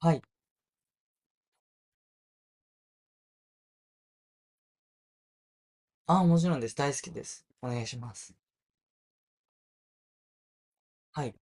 はい。ああ、もちろんです。大好きです。お願いします。はい。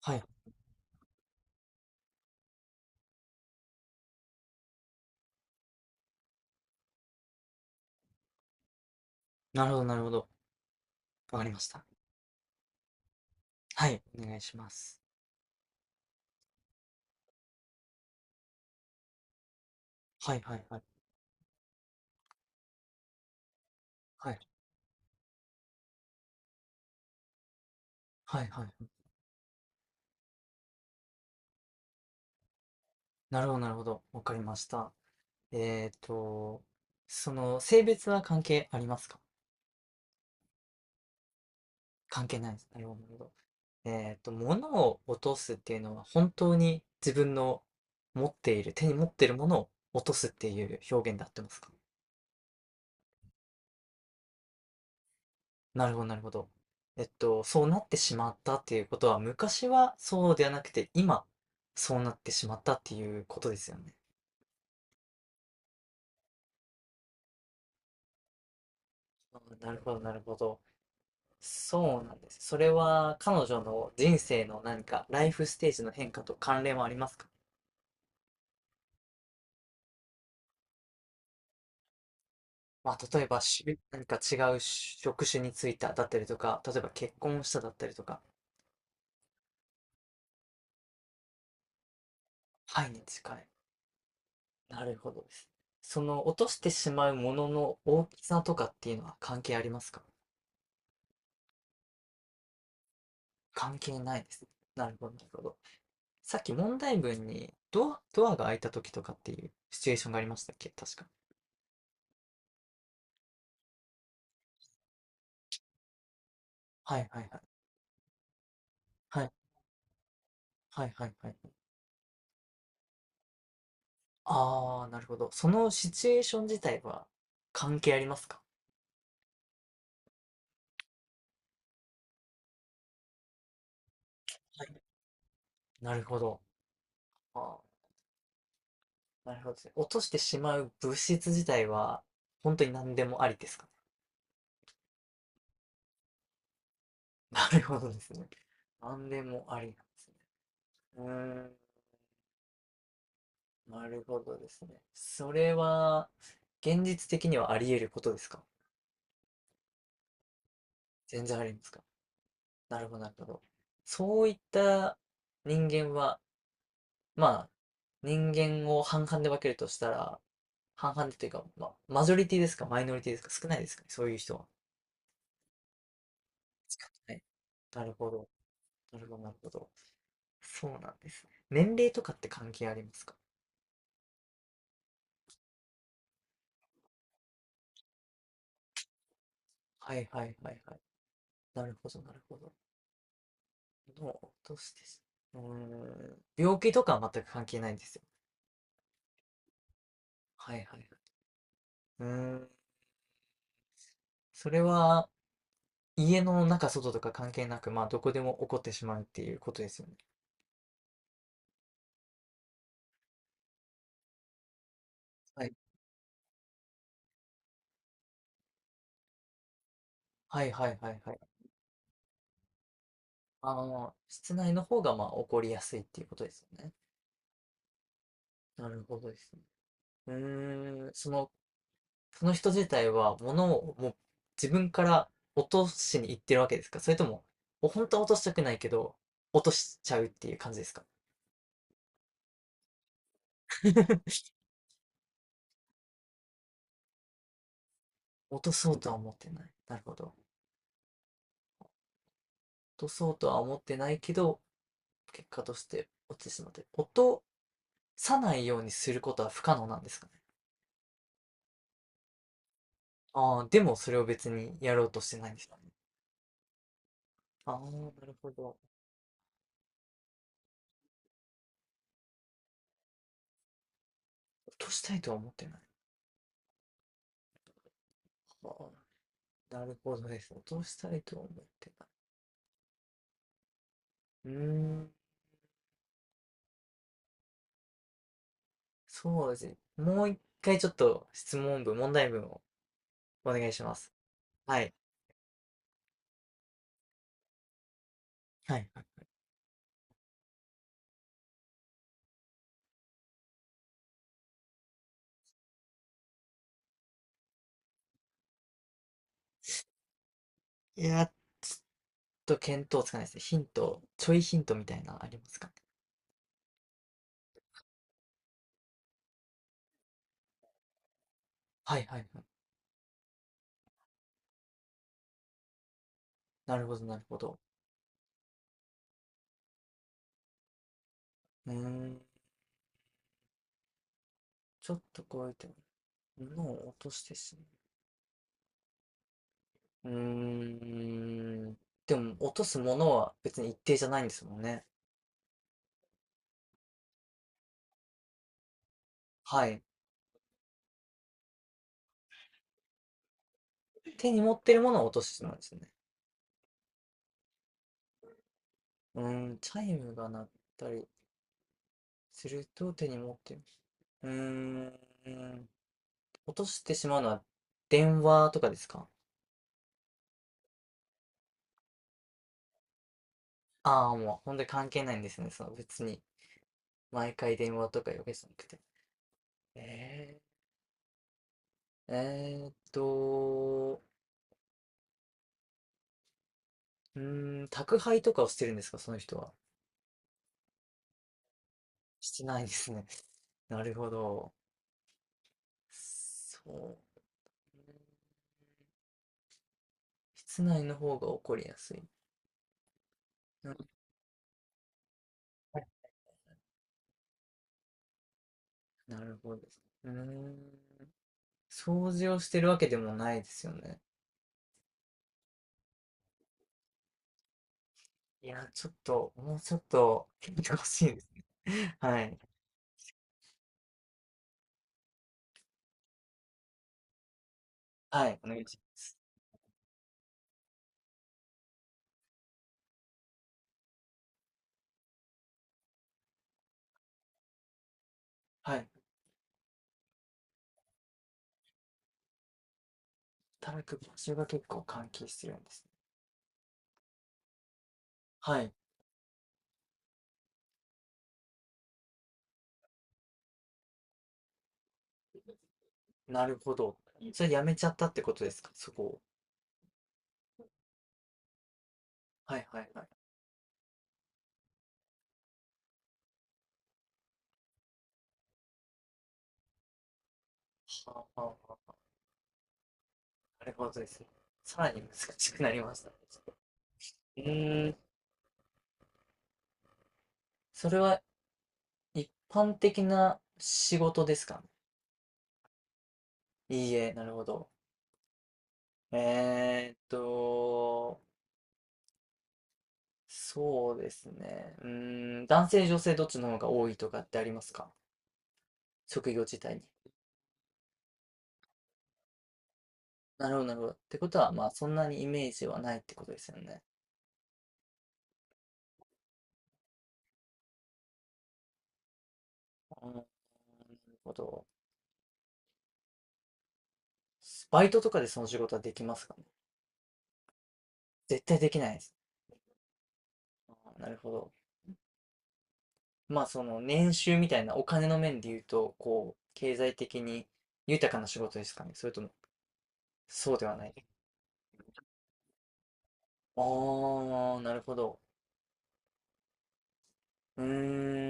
はい。なるほど、なるほど。わかりました。はい。お願いします。はい、はい、はい。はい。はい、はい。なるほど、なるほど。わかりました。えっと、その、性別は関係ありますか？関係ないです。なるほど、なるほど。物を落とすっていうのは、本当に自分の持っている、手に持っているものを落とすっていう表現であってますか？なるほど、なるほど。そうなってしまったっていうことは、昔はそうではなくて、今、そうなってしまったっていうことですよね。あー、なるほど、なるほど。そうなんです。それは彼女の人生の何か、ライフステージの変化と関連はありますか？まあ、例えば何か違う職種についただったりとか、例えば結婚しただったりとか。はいに近い。なるほどです。その落としてしまうものの大きさとかっていうのは関係ありますか？関係ないです。なるほど、なるほど。さっき問題文にドアが開いた時とかっていうシチュエーションがありましたっけ、確か。はいはいはい。はい。はいはいはい。ああ、なるほど。そのシチュエーション自体は関係ありますか？はい。なるほど。ああ、なるほどですね。落としてしまう物質自体は本当に何でもありですかね。なるほどですね。何でもありなんですね。うーん、なるほどですね。それは現実的にはあり得ることですか？全然ありますか。なるほど、なるほど。そういった人間は、まあ、人間を半々で分けるとしたら、半々でというか、まあ、マジョリティですか、マイノリティですか、少ないですかね、そういう人は。はない。なるほど、なるほど、なるほど。そうなんですね。年齢とかって関係ありますか？はいはいはいはい。なるほど、なるほど。のを落としてし、病気とかは全く関係ないんですよ。はいはいはい。うーん、それは、家の中、外とか関係なく、まあ、どこでも起こってしまうっていうことですよね。はい。はいはいはいはい。室内の方が、まあ、起こりやすいっていうことですよね。なるほどですね。うその、その人自体は、物をもう自分から落としに行ってるわけですか？それとも、本当は落としたくないけど、落としちゃうっていう感じですか？ 落とそうとは思ってない。なるほど。落とそうとは思ってないけど、結果として落ちてしまって。音さないようにすることは不可能なんですかね。ああ、でもそれを別にやろうとしてないんですかね。ああ、なるほど。落としたいとは思ってない。ああ、なるほどです。落としたいとは思ってない。ん、そうですね。もう一回ちょっと質問文、問題文をお願いします。はい。はい。やっと見当つかないですね。ヒント、ちょいヒントみたいなのありますかね。はいはいはい。なるほど、なるほど。うーん、ちょっとこうやって物を落としてしまう。うーん。でも、落とすものは別に一定じゃないんですもんね。はい。手に持ってるものを落としてしまうんですよね。チャイムが鳴ったりすると手に持ってる。うーん。落としてしまうのは電話とかですか？ああー、もう本当に関係ないんですね。その別に毎回電話とかいうわけじゃなくて。えー、えーっと、宅配とかをしてるんですか、その人は。してないですね。なるほど。そう。うん室内の方が起こりやすい。うん、なるほどです。うーん。掃除をしてるわけでもないですよね。いや、ちょっと、もうちょっと、聞いてほしいですね。はい。はい、お願いします。はい。働く場所が結構関係してるんですね。はい。なるほど。それやめちゃったってことですか、そこを？はいはいはい。はあはあはあ。なるほどですね。さらに難しくなりましたね。うーん。それは一般的な仕事ですかね。いいえ、なるほど。えーっと、そうですね。男性、女性どっちの方が多いとかってありますか？職業自体に。なるほど、なるほど。ってことは、まあ、そんなにイメージはないってことですよね。うん、なるほど。バイトとかでその仕事はできますかね？絶対できないです。あー、なるほど。まあ、その年収みたいなお金の面で言うと、こう、経済的に豊かな仕事ですかね？それとも、そうではない。ああ、なるほど。うー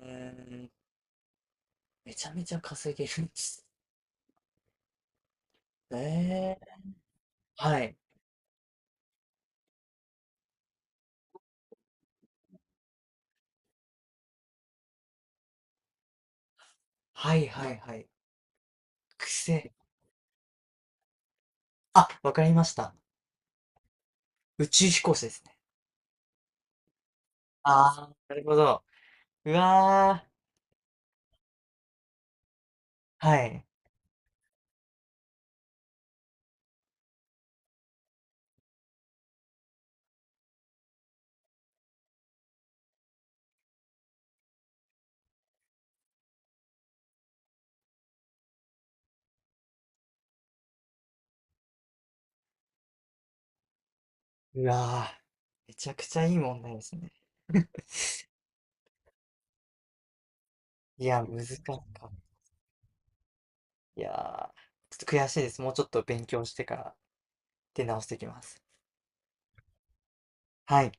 ん。めちゃめちゃ稼げるんですね。ええ、はい。はいはいはい。癖。あ、わかりました。宇宙飛行士ですね。ああ、なるほど。うわー。はい。うわー。めちゃくちゃいい問題ですね。いや、難しかった。いやー、ちょっと悔しいです。もうちょっと勉強してから出直してきます。はい。